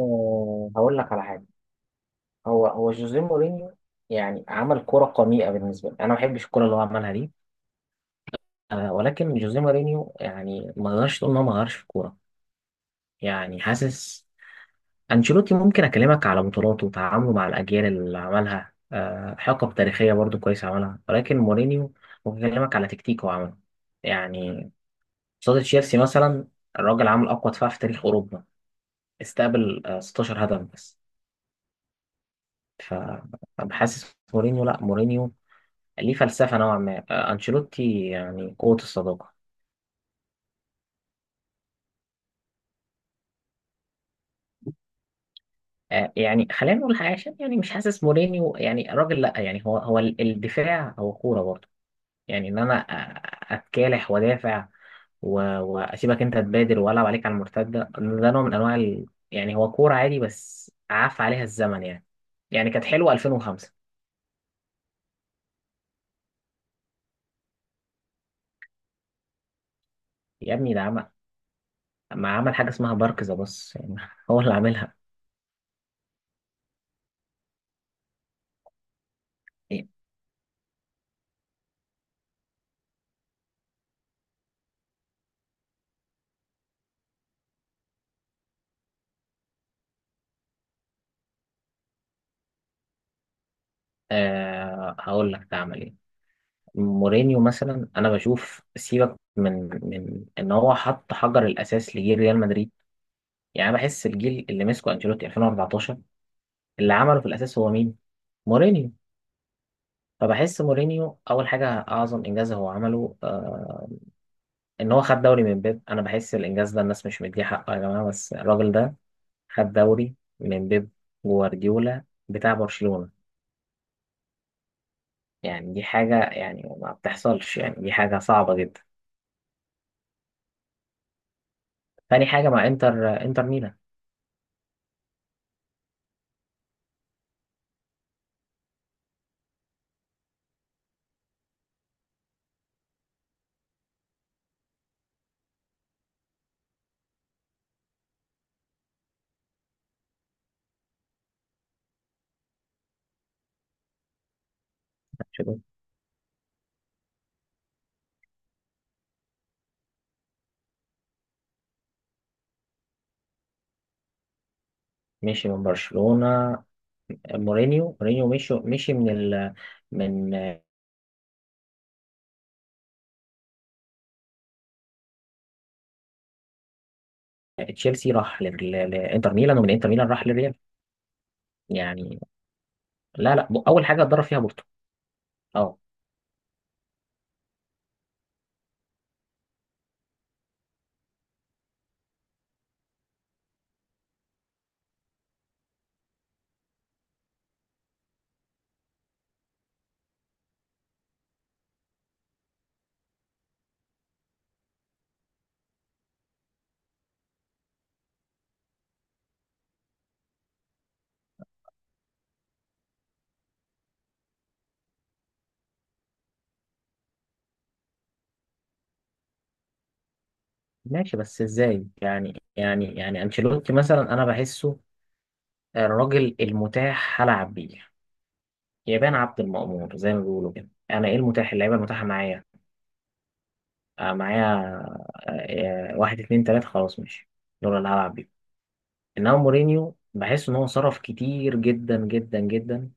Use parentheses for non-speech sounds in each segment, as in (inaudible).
هقول لك على حاجه. هو جوزيه مورينيو يعني عمل كرة قميئة بالنسبة لي، أنا ما بحبش الكرة اللي هو عملها دي. ولكن جوزيه مورينيو يعني ما نقدرش تقول إن هو ما غيرش في الكورة. يعني حاسس أنشيلوتي ممكن أكلمك على بطولاته وتعامله مع الأجيال اللي عملها، حقب تاريخية برضو كويس عملها، ولكن مورينيو ممكن أكلمك على تكتيك هو عمله. يعني قصاد تشيلسي مثلا الراجل عمل أقوى دفاع في تاريخ أوروبا، استقبل 16 هدف بس. فبحاسس مورينيو، لا مورينيو ليه فلسفة نوعا ما. أنشيلوتي يعني قوة الصداقة. يعني خلينا نقول حاجة، عشان يعني مش حاسس مورينيو يعني راجل، لأ يعني الدفاع هو كورة برضه. يعني إن أنا أتكالح وأدافع وأسيبك أنت تبادر وألعب عليك على المرتدة، ده نوع من أنواع يعني هو كورة عادي بس عاف عليها الزمن يعني. يعني كانت حلوة 2005. يا ابني ده عمل، ما عمل حاجة اسمها بارك ذا بص يعني (laughs) هو اللي عاملها. إيه؟ أه، هقول لك ده عمل إيه. مورينيو مثلا، انا بشوف سيبك من ان هو حط حجر الاساس لجيل ريال مدريد. يعني أنا بحس الجيل اللي مسكه انشيلوتي 2014، اللي عمله في الاساس هو مين؟ مورينيو. فبحس مورينيو اول حاجه اعظم انجاز هو عمله، آه ان هو خد دوري من بيب. انا بحس الانجاز ده الناس مش مديه حقه يا جماعه، بس الراجل ده خد دوري من بيب، جوارديولا بتاع برشلونه. يعني دي حاجه يعني ما بتحصلش، يعني دي حاجه صعبه جدا. تاني حاجه مع انتر، انتر ميلان. مشي من برشلونة. مورينيو مشي من تشيلسي، لانتر ميلان، ومن انتر ميلان راح للريال. يعني لا لا، اول حاجة اتدرب فيها بورتو. اه. ماشي بس ازاي؟ يعني انشيلوتي مثلا انا بحسه الراجل المتاح هلعب بيه، يبان عبد المأمور زي ما بيقولوا كده. انا ايه المتاح؟ اللعيبة المتاحة معايا، معايا، واحد اتنين تلاتة، خلاص ماشي، دول اللي هلعب بيهم. انما مورينيو بحس ان هو صرف كتير جدا جدا جدا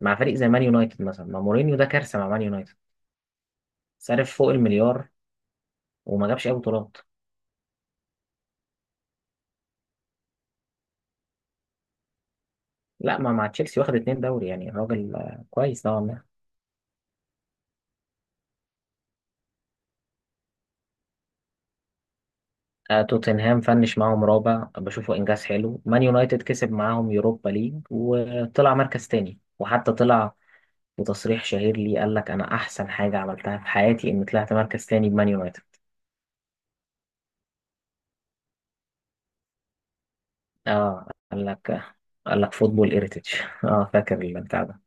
مع فريق زي مان يونايتد مثلا. ما مورينيو ده كارثه مع مان يونايتد، صرف فوق المليار وما جابش اي بطولات. لا، ما مع تشيلسي واخد اتنين دوري، يعني الراجل كويس نوعا ما. توتنهام فنش معاهم رابع بشوفه انجاز حلو. مان يونايتد كسب معاهم يوروبا ليج وطلع مركز تاني، وحتى طلع بتصريح شهير ليه قال لك انا احسن حاجه عملتها في حياتي اني طلعت مركز تاني بمان يونايتد. اه، قال لك، قال لك فوتبول هيريتج (laughs) اه فاكر البتاع ده.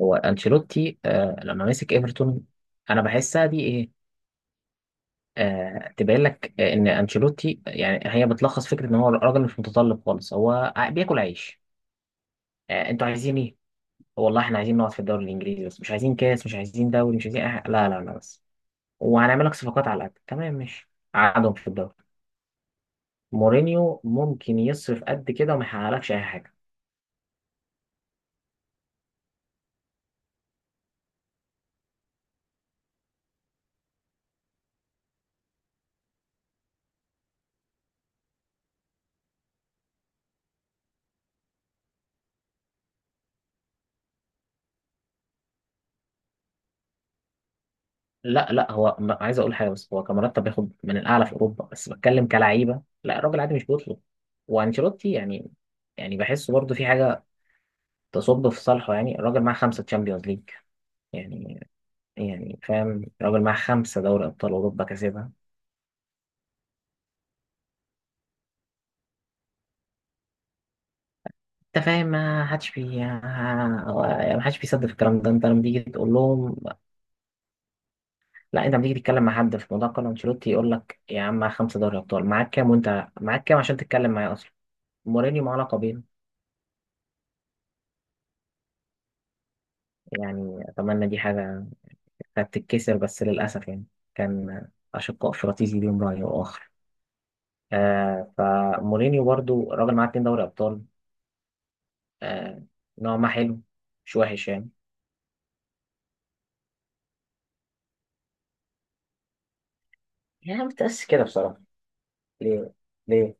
هو انشيلوتي لما مسك ايفرتون، انا بحسها دي ايه، تبين لك ان انشيلوتي يعني هي بتلخص فكره ان هو راجل مش متطلب خالص. هو بياكل عيش. انتوا عايزين ايه؟ والله احنا عايزين نقعد في الدوري الانجليزي بس، مش عايزين كاس، مش عايزين دوري، مش عايزين لا لا لا بس، وهنعمل لك صفقات على قد تمام، ماشي قعدهم في الدوري. مورينيو ممكن يصرف قد كده وما يحققلكش اي حاجه. لا لا هو عايز اقول حاجه بس، هو كمرتب بياخد من الاعلى في اوروبا، بس بتكلم كلعيبه لا، الراجل عادي مش بيطلب. وانشيلوتي يعني، يعني بحسه برضه في حاجه تصب في صالحه، يعني الراجل معاه خمسه تشامبيونز ليج. يعني يعني فاهم، الراجل معاه خمسه دوري ابطال اوروبا كسبها. انت فاهم، ما حدش بيصدق في الكلام ده. انت لما تيجي تقول لهم، لا انت لما تيجي تتكلم مع حد في موضوع كارلو انشيلوتي يقول لك يا عم معاك خمسه دوري ابطال، معاك كام وانت معاك كام عشان تتكلم معايا اصلا؟ مورينيو معاه لقبين. يعني أتمنى دي حاجة هتتكسر بس للأسف يعني، كان أشقاء فراتيزي ليهم رأي وآخر. آه فمورينيو برضو راجل معاه اتنين دوري أبطال، آه نوع ما حلو، مش وحش يعني. يعني أنا متأسف كده بصراحة. ليه؟ ليه؟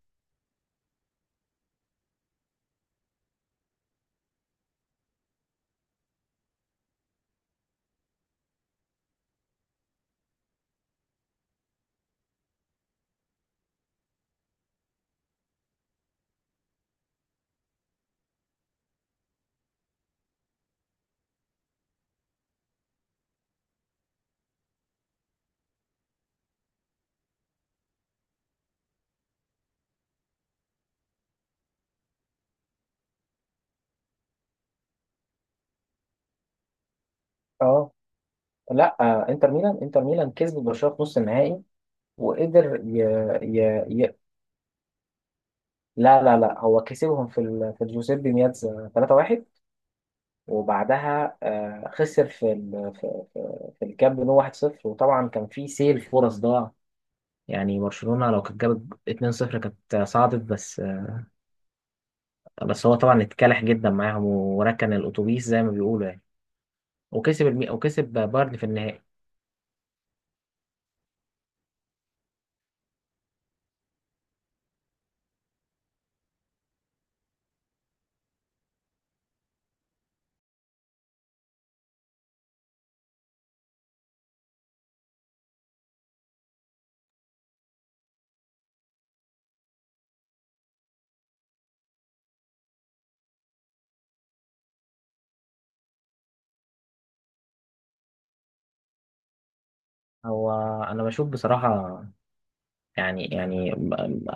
اه. لا، آه انتر ميلان، انتر ميلان كسب برشلونة في نص النهائي وقدر ي... ي... لا لا لا، هو كسبهم في الجوزيبي مياتزا 3-1، وبعدها خسر في الكامب نو 1-0. وطبعا كان في سيل فرص ضاع، يعني برشلونة لو كانت جابت 2-0 كانت صعدت. بس بس هو طبعا اتكلح جدا معاهم وركن الأتوبيس زي ما بيقولوا يعني، وكسب بايرن في النهائي. هو أنا بشوف بصراحة يعني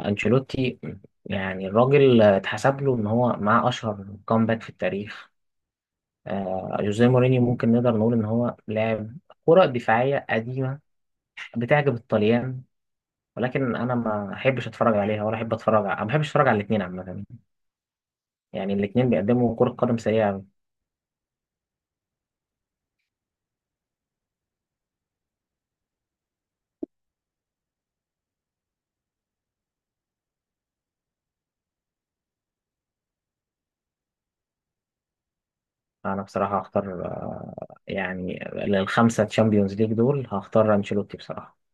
أنشيلوتي، يعني الراجل اتحسب له إن هو معاه أشهر كومباك في التاريخ. جوزيه مورينيو ممكن نقدر نقول إن هو لاعب كرة دفاعية قديمة بتعجب الطليان، ولكن انا ما احبش اتفرج عليها، ولا احب اتفرج ما بحبش اتفرج على الاثنين عامه. يعني الاثنين بيقدموا كره قدم سيئه أوي. انا بصراحه هختار، يعني الخمسه تشامبيونز ليج دول هختار انشيلوتي بصراحه